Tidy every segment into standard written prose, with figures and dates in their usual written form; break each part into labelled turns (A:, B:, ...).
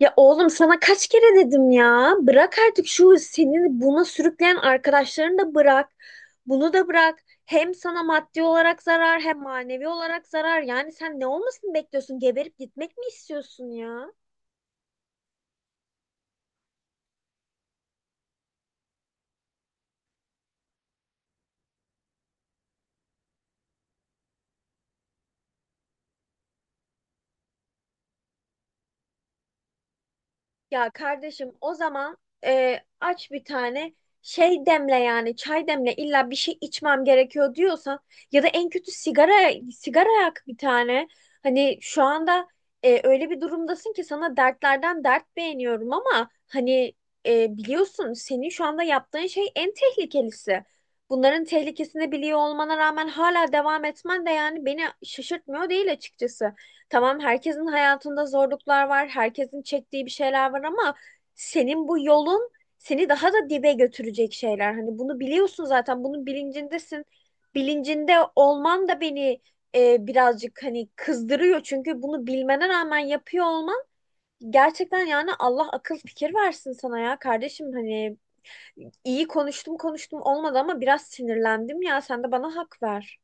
A: Ya oğlum sana kaç kere dedim ya. Bırak artık şu seni buna sürükleyen arkadaşlarını da bırak. Bunu da bırak. Hem sana maddi olarak zarar hem manevi olarak zarar. Yani sen ne olmasını bekliyorsun? Geberip gitmek mi istiyorsun ya? Ya kardeşim o zaman aç bir tane şey demle yani çay demle illa bir şey içmem gerekiyor diyorsan ya da en kötü sigara yak bir tane. Hani şu anda öyle bir durumdasın ki sana dertlerden dert beğeniyorum ama hani biliyorsun senin şu anda yaptığın şey en tehlikelisi. Bunların tehlikesini biliyor olmana rağmen hala devam etmen de yani beni şaşırtmıyor değil açıkçası. Tamam, herkesin hayatında zorluklar var, herkesin çektiği bir şeyler var ama senin bu yolun seni daha da dibe götürecek şeyler. Hani bunu biliyorsun zaten, bunun bilincindesin. Bilincinde olman da beni birazcık hani kızdırıyor. Çünkü bunu bilmene rağmen yapıyor olman gerçekten yani Allah akıl fikir versin sana ya kardeşim. Hani iyi konuştum konuştum olmadı ama biraz sinirlendim ya, sen de bana hak ver.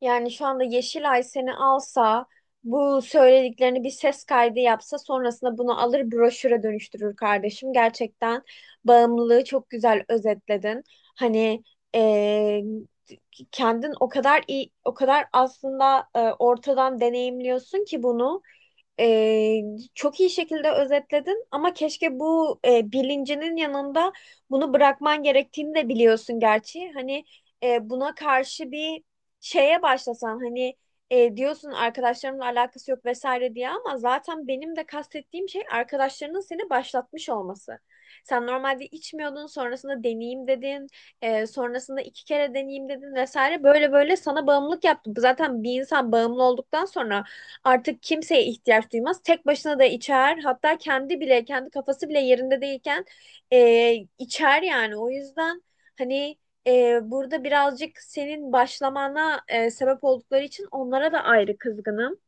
A: Yani şu anda Yeşilay seni alsa, bu söylediklerini bir ses kaydı yapsa, sonrasında bunu alır broşüre dönüştürür kardeşim. Gerçekten bağımlılığı çok güzel özetledin. Hani eee, kendin o kadar iyi, o kadar aslında ortadan deneyimliyorsun ki bunu. Ee, Çok iyi şekilde özetledin ama keşke bu bilincinin yanında bunu bırakman gerektiğini de biliyorsun gerçi. Hani buna karşı bir şeye başlasan, hani diyorsun arkadaşlarımla alakası yok vesaire diye, ama zaten benim de kastettiğim şey arkadaşlarının seni başlatmış olması. Sen normalde içmiyordun, sonrasında deneyeyim dedin, sonrasında iki kere deneyeyim dedin vesaire, böyle böyle sana bağımlılık yaptı. Zaten bir insan bağımlı olduktan sonra artık kimseye ihtiyaç duymaz. Tek başına da içer, hatta kendi bile kendi kafası bile yerinde değilken e, içer yani. O yüzden hani burada birazcık senin başlamana sebep oldukları için onlara da ayrı kızgınım.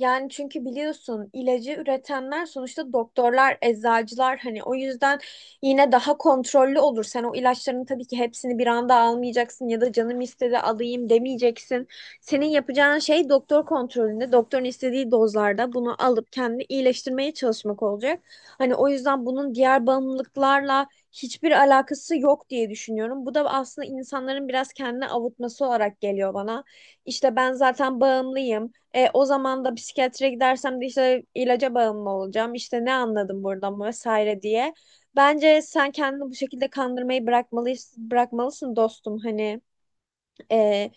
A: Yani çünkü biliyorsun, ilacı üretenler sonuçta doktorlar, eczacılar, hani o yüzden yine daha kontrollü olur. Sen o ilaçların tabii ki hepsini bir anda almayacaksın ya da canım istedi alayım demeyeceksin. Senin yapacağın şey doktor kontrolünde, doktorun istediği dozlarda bunu alıp kendini iyileştirmeye çalışmak olacak. Hani o yüzden bunun diğer bağımlılıklarla hiçbir alakası yok diye düşünüyorum. Bu da aslında insanların biraz kendini avutması olarak geliyor bana. İşte ben zaten bağımlıyım. O zaman da psikiyatriye gidersem de işte ilaca bağımlı olacağım. İşte ne anladım buradan vesaire diye. Bence sen kendini bu şekilde kandırmayı bırakmalısın, bırakmalısın dostum. Hani e,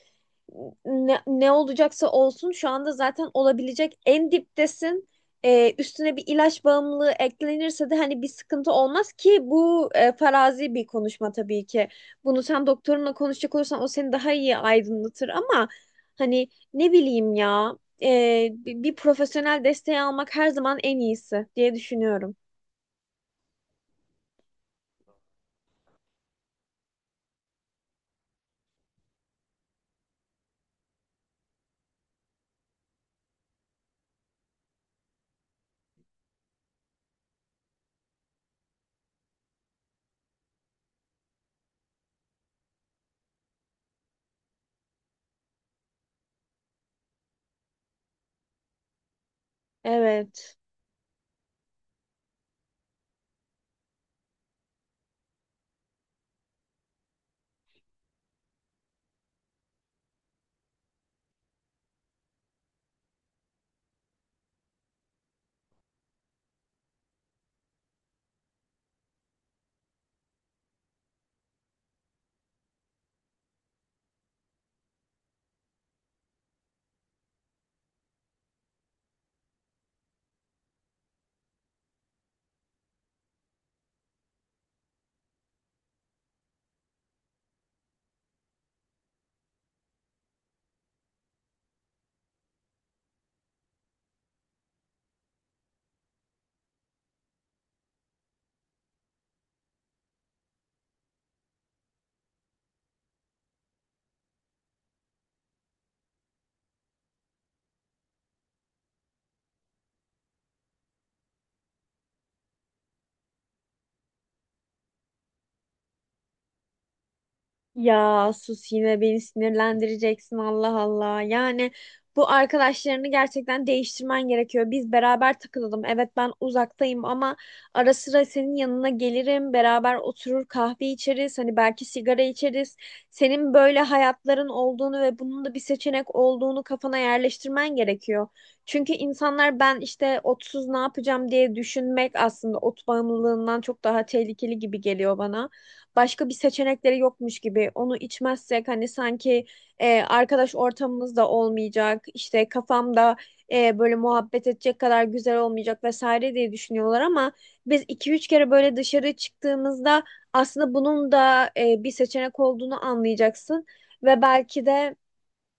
A: ne olacaksa olsun, şu anda zaten olabilecek en diptesin. Üstüne bir ilaç bağımlılığı eklenirse de hani bir sıkıntı olmaz ki, bu farazi bir konuşma tabii ki. Bunu sen doktorunla konuşacak olursan o seni daha iyi aydınlatır ama hani ne bileyim ya, bir profesyonel desteği almak her zaman en iyisi diye düşünüyorum. Evet. Ya sus, yine beni sinirlendireceksin, Allah Allah. Yani bu arkadaşlarını gerçekten değiştirmen gerekiyor. Biz beraber takılalım. Evet, ben uzaktayım ama ara sıra senin yanına gelirim. Beraber oturur kahve içeriz. Hani belki sigara içeriz. Senin böyle hayatların olduğunu ve bunun da bir seçenek olduğunu kafana yerleştirmen gerekiyor. Çünkü insanlar, ben işte otsuz ne yapacağım diye düşünmek aslında ot bağımlılığından çok daha tehlikeli gibi geliyor bana. Başka bir seçenekleri yokmuş gibi, onu içmezsek hani sanki arkadaş ortamımız da olmayacak, işte kafamda böyle muhabbet edecek kadar güzel olmayacak vesaire diye düşünüyorlar ama biz iki üç kere böyle dışarı çıktığımızda aslında bunun da bir seçenek olduğunu anlayacaksın ve belki de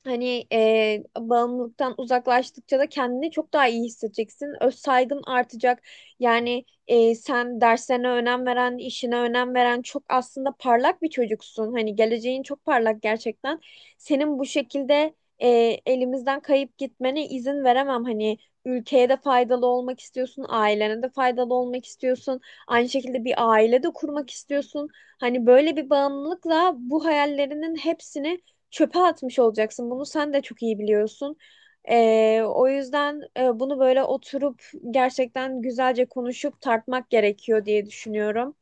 A: hani bağımlılıktan uzaklaştıkça da kendini çok daha iyi hissedeceksin. Öz saygın artacak. Yani sen derslerine önem veren, işine önem veren, çok aslında parlak bir çocuksun. Hani geleceğin çok parlak gerçekten. Senin bu şekilde e, elimizden kayıp gitmene izin veremem. Hani ülkeye de faydalı olmak istiyorsun, ailene de faydalı olmak istiyorsun. Aynı şekilde bir aile de kurmak istiyorsun. Hani böyle bir bağımlılıkla bu hayallerinin hepsini çöpe atmış olacaksın. Bunu sen de çok iyi biliyorsun. O yüzden bunu böyle oturup gerçekten güzelce konuşup tartmak gerekiyor diye düşünüyorum.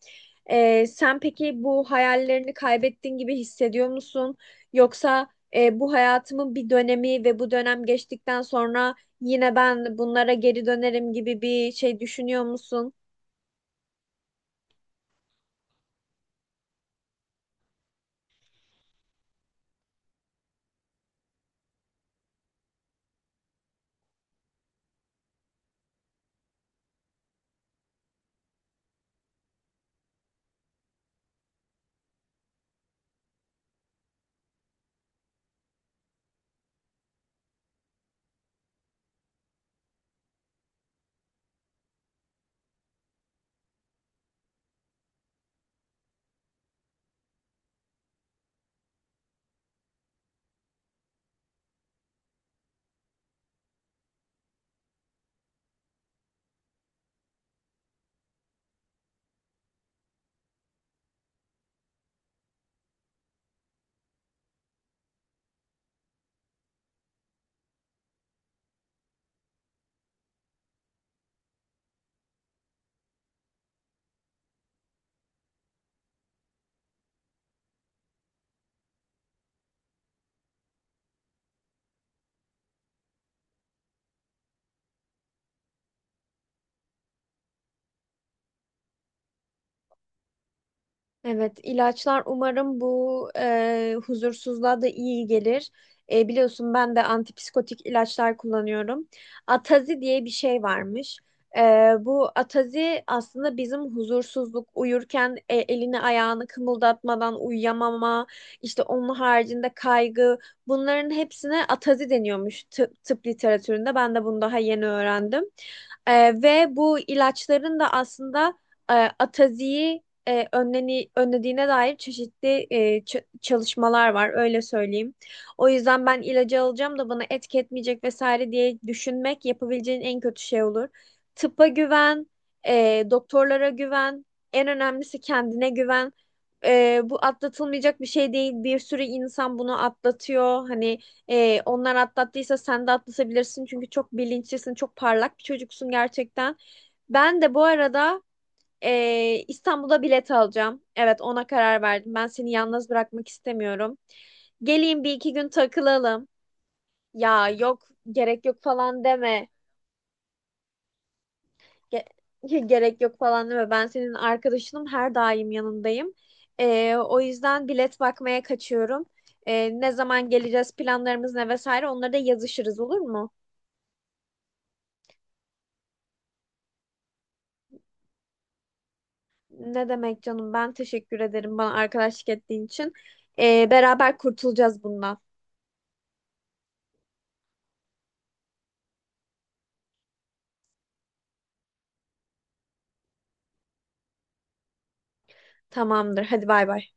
A: Sen peki bu hayallerini kaybettiğin gibi hissediyor musun? Yoksa bu hayatımın bir dönemi ve bu dönem geçtikten sonra yine ben bunlara geri dönerim gibi bir şey düşünüyor musun? Evet, ilaçlar umarım bu huzursuzluğa da iyi gelir. Biliyorsun ben de antipsikotik ilaçlar kullanıyorum. Atazi diye bir şey varmış. E, Bu atazi aslında bizim huzursuzluk, uyurken elini ayağını kımıldatmadan uyuyamama, işte onun haricinde kaygı, bunların hepsine atazi deniyormuş tıp literatüründe. Ben de bunu daha yeni öğrendim. Ve bu ilaçların da aslında e, ataziyi önlediğine dair çeşitli çalışmalar var, öyle söyleyeyim. O yüzden ben ilacı alacağım da bana etki etmeyecek vesaire diye düşünmek yapabileceğin en kötü şey olur. Tıpa güven, doktorlara güven, en önemlisi kendine güven. Bu atlatılmayacak bir şey değil. Bir sürü insan bunu atlatıyor. Hani onlar atlattıysa sen de atlatabilirsin. Çünkü çok bilinçlisin, çok parlak bir çocuksun gerçekten. Ben de bu arada İstanbul'da bilet alacağım. Evet, ona karar verdim. Ben seni yalnız bırakmak istemiyorum. Geleyim, bir iki gün takılalım. Ya yok, gerek yok falan deme. Gerek yok falan deme. Ben senin arkadaşınım, her daim yanındayım. O yüzden bilet bakmaya kaçıyorum. Ne zaman geleceğiz, planlarımız ne vesaire, onları da yazışırız, olur mu? Ne demek canım, ben teşekkür ederim bana arkadaşlık ettiğin için. Beraber kurtulacağız bundan. Tamamdır, hadi bay bay.